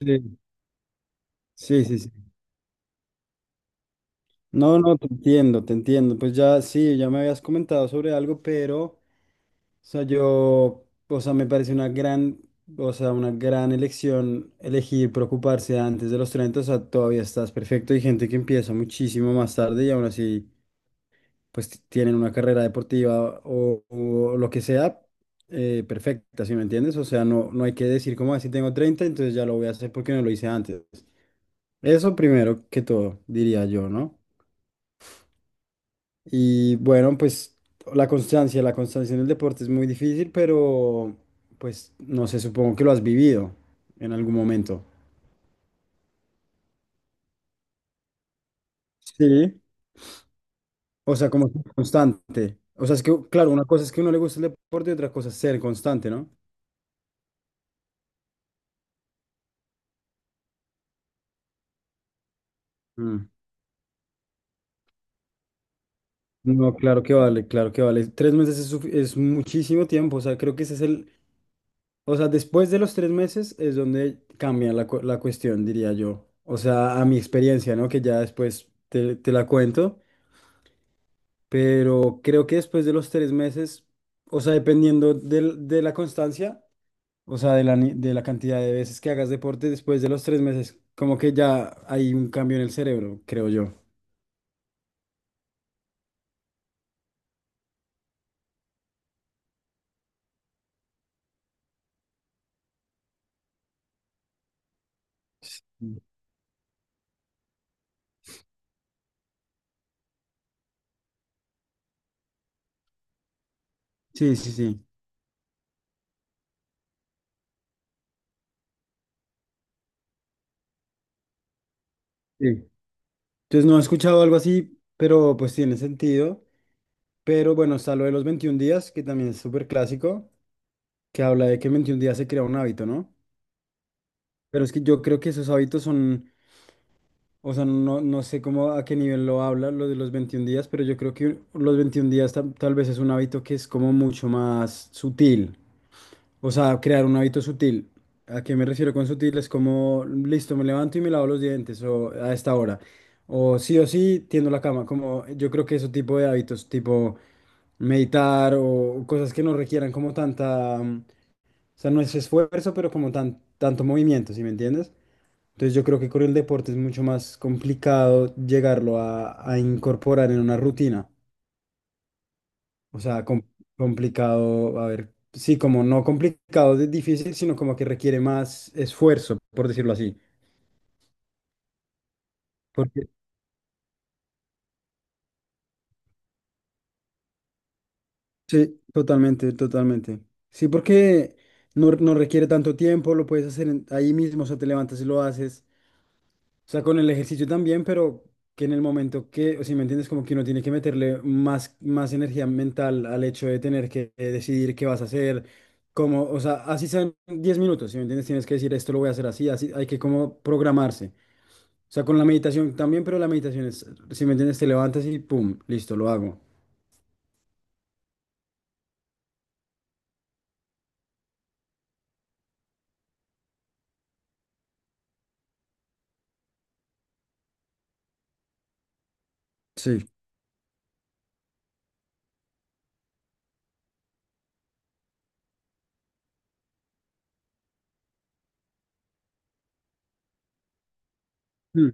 Sí, sí, sí. No, no, te entiendo, te entiendo. Pues ya, sí, ya me habías comentado sobre algo, pero, o sea, yo, o sea, me parece una gran, o sea, una gran elección elegir preocuparse antes de los 30, o sea, todavía estás perfecto. Hay gente que empieza muchísimo más tarde y aún así, pues tienen una carrera deportiva o lo que sea, perfecta, ¿si me entiendes? O sea, no, no hay que decir como así tengo 30, entonces ya lo voy a hacer porque no lo hice antes. Eso primero que todo, diría yo, ¿no? Y bueno, pues la constancia en el deporte es muy difícil, pero pues no sé, supongo que lo has vivido en algún momento. Sí. O sea, como ser constante. O sea, es que, claro, una cosa es que a uno le gusta el deporte y otra cosa es ser constante, ¿no? Mm. No, claro que vale, claro que vale. Tres meses es, es muchísimo tiempo, o sea, creo que ese es el... O sea, después de los tres meses es donde cambia la, la cuestión, diría yo. O sea, a mi experiencia, ¿no? Que ya después te, te la cuento. Pero creo que después de los tres meses, o sea, dependiendo de la constancia, o sea, de la, de la cantidad de veces que hagas deporte, después de los tres meses, como que ya hay un cambio en el cerebro, creo yo. Sí, sí, sí. Sí. Entonces no he escuchado algo así, pero pues tiene sentido. Pero bueno, está lo de los 21 días, que también es súper clásico, que habla de que en 21 días se crea un hábito, ¿no? Pero es que yo creo que esos hábitos son... O sea, no, no sé cómo a qué nivel lo habla lo de los 21 días, pero yo creo que los 21 días tal, tal vez es un hábito que es como mucho más sutil. O sea, crear un hábito sutil. ¿A qué me refiero con sutil? Es como, listo, me levanto y me lavo los dientes o a esta hora. O sí, tiendo la cama. Como yo creo que ese tipo de hábitos, tipo meditar o cosas que no requieran como tanta o sea, no es esfuerzo, pero como tan, tanto movimiento, ¿sí me entiendes? Entonces yo creo que con el deporte es mucho más complicado llegarlo a incorporar en una rutina. O sea, complicado, a ver, sí, como no complicado de difícil, sino como que requiere más esfuerzo, por decirlo así. Porque, sí, totalmente, totalmente. Sí, porque no, no requiere tanto tiempo, lo puedes hacer ahí mismo, o sea, te levantas y lo haces. O sea, con el ejercicio también, pero que en el momento que, o si me entiendes, como que uno tiene que meterle más, más energía mental al hecho de tener que decidir qué vas a hacer, como, o sea, así sean 10 minutos, si me entiendes, tienes que decir esto lo voy a hacer así, así, hay que como programarse. O sea, con la meditación también, pero la meditación es, si me entiendes, te levantas y pum, listo, lo hago. Sí. Mm.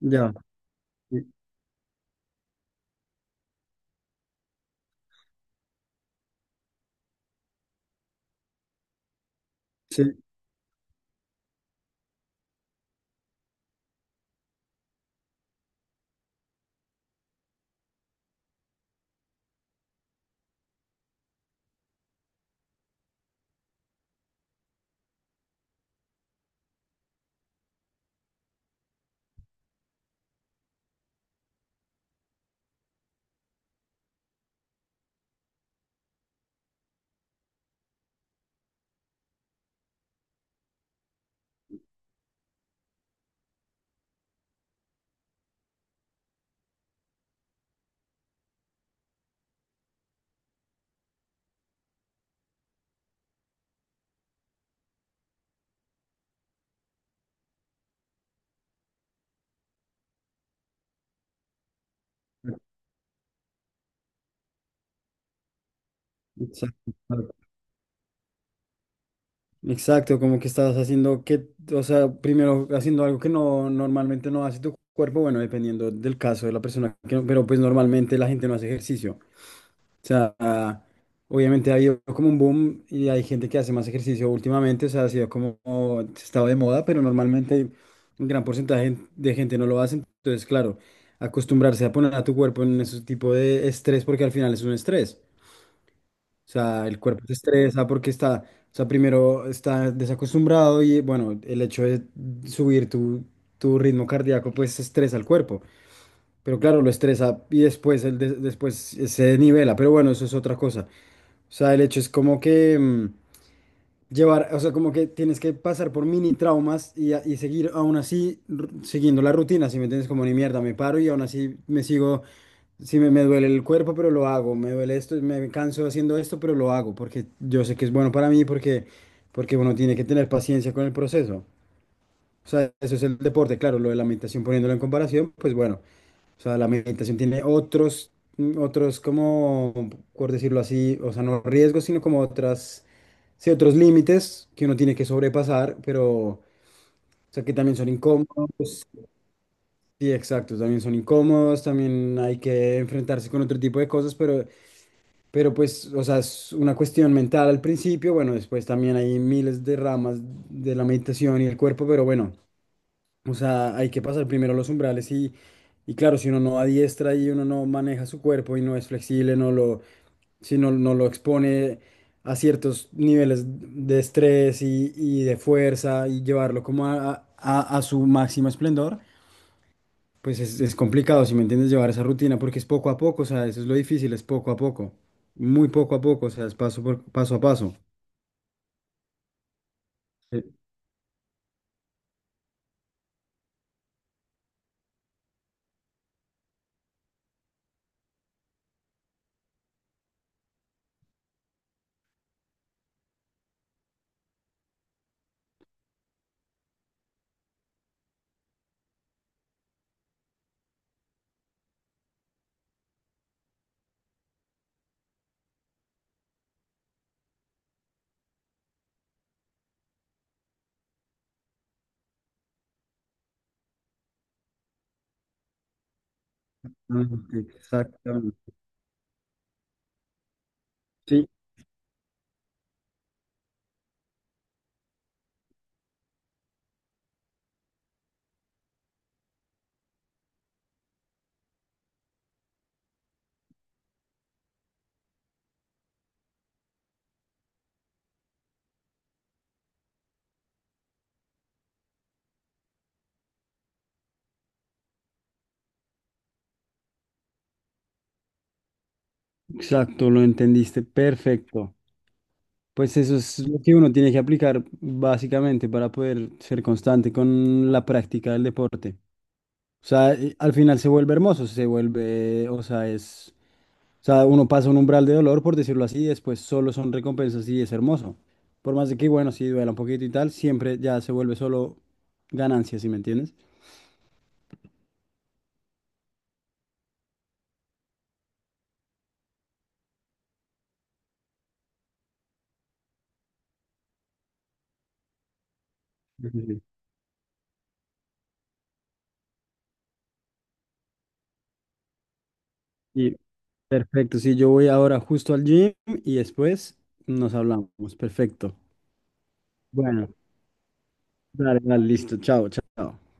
Ya. Sí, sí, exacto. Exacto, como que estás haciendo que, o sea, primero haciendo algo que no normalmente no hace tu cuerpo, bueno, dependiendo del caso de la persona, que no- pero pues normalmente la gente no hace ejercicio. O sea, ah, obviamente ha habido como un boom y hay gente que hace más ejercicio últimamente, o sea, ha sido como como estado de moda, pero normalmente un gran porcentaje de gente no lo hace. Entonces, claro, acostumbrarse a poner a tu cuerpo en ese tipo de estrés, porque al final es un estrés. O sea, el cuerpo se estresa porque está, o sea, primero está desacostumbrado y bueno, el hecho de subir tu, tu ritmo cardíaco pues estresa al cuerpo. Pero claro, lo estresa y después, el después se nivela. Pero bueno, eso es otra cosa. O sea, el hecho es como que llevar, o sea, como que tienes que pasar por mini traumas y, y seguir aún así siguiendo la rutina, si me entiendes, como ni mierda, me paro y aún así me sigo. Sí, me duele el cuerpo, pero lo hago. Me duele esto, me canso haciendo esto, pero lo hago porque yo sé que es bueno para mí, porque, porque uno tiene que tener paciencia con el proceso. O sea, eso es el deporte, claro, lo de la meditación poniéndolo en comparación, pues bueno, o sea, la meditación tiene otros, mm, otros como, por decirlo así, o sea, no riesgos, sino como otras, sí, otros límites que uno tiene que sobrepasar, pero... O sea, que también son incómodos. Sí, exacto, también son incómodos, también hay que enfrentarse con otro tipo de cosas, pero... Pero pues, o sea, es una cuestión mental al principio, bueno, después también hay miles de ramas de la meditación y el cuerpo, pero bueno, o sea, hay que pasar primero los umbrales y claro, si uno no adiestra y uno no maneja su cuerpo y no es flexible, no lo, si no, no lo expone a ciertos niveles de estrés y de fuerza y llevarlo como a a su máximo esplendor. Pues es complicado, si me entiendes, llevar esa rutina porque es poco a poco, o sea, eso es lo difícil, es poco a poco, muy poco a poco, o sea, es paso por, paso a paso. Eh, ah, Exactamente. Sí, exacto, lo entendiste, perfecto. Pues eso es lo que uno tiene que aplicar básicamente para poder ser constante con la práctica del deporte. O sea, y al final se vuelve hermoso, se vuelve, o sea, es... O sea, uno pasa un umbral de dolor, por decirlo así, y después solo son recompensas y es hermoso. Por más de que, bueno, sí duela un poquito y tal, siempre ya se vuelve solo ganancia, ¿sí me entiendes? Sí, sí, sí. Y perfecto, sí, yo voy ahora justo al gym y después nos hablamos. Perfecto. Bueno, dale, dale, listo. Chao, chao.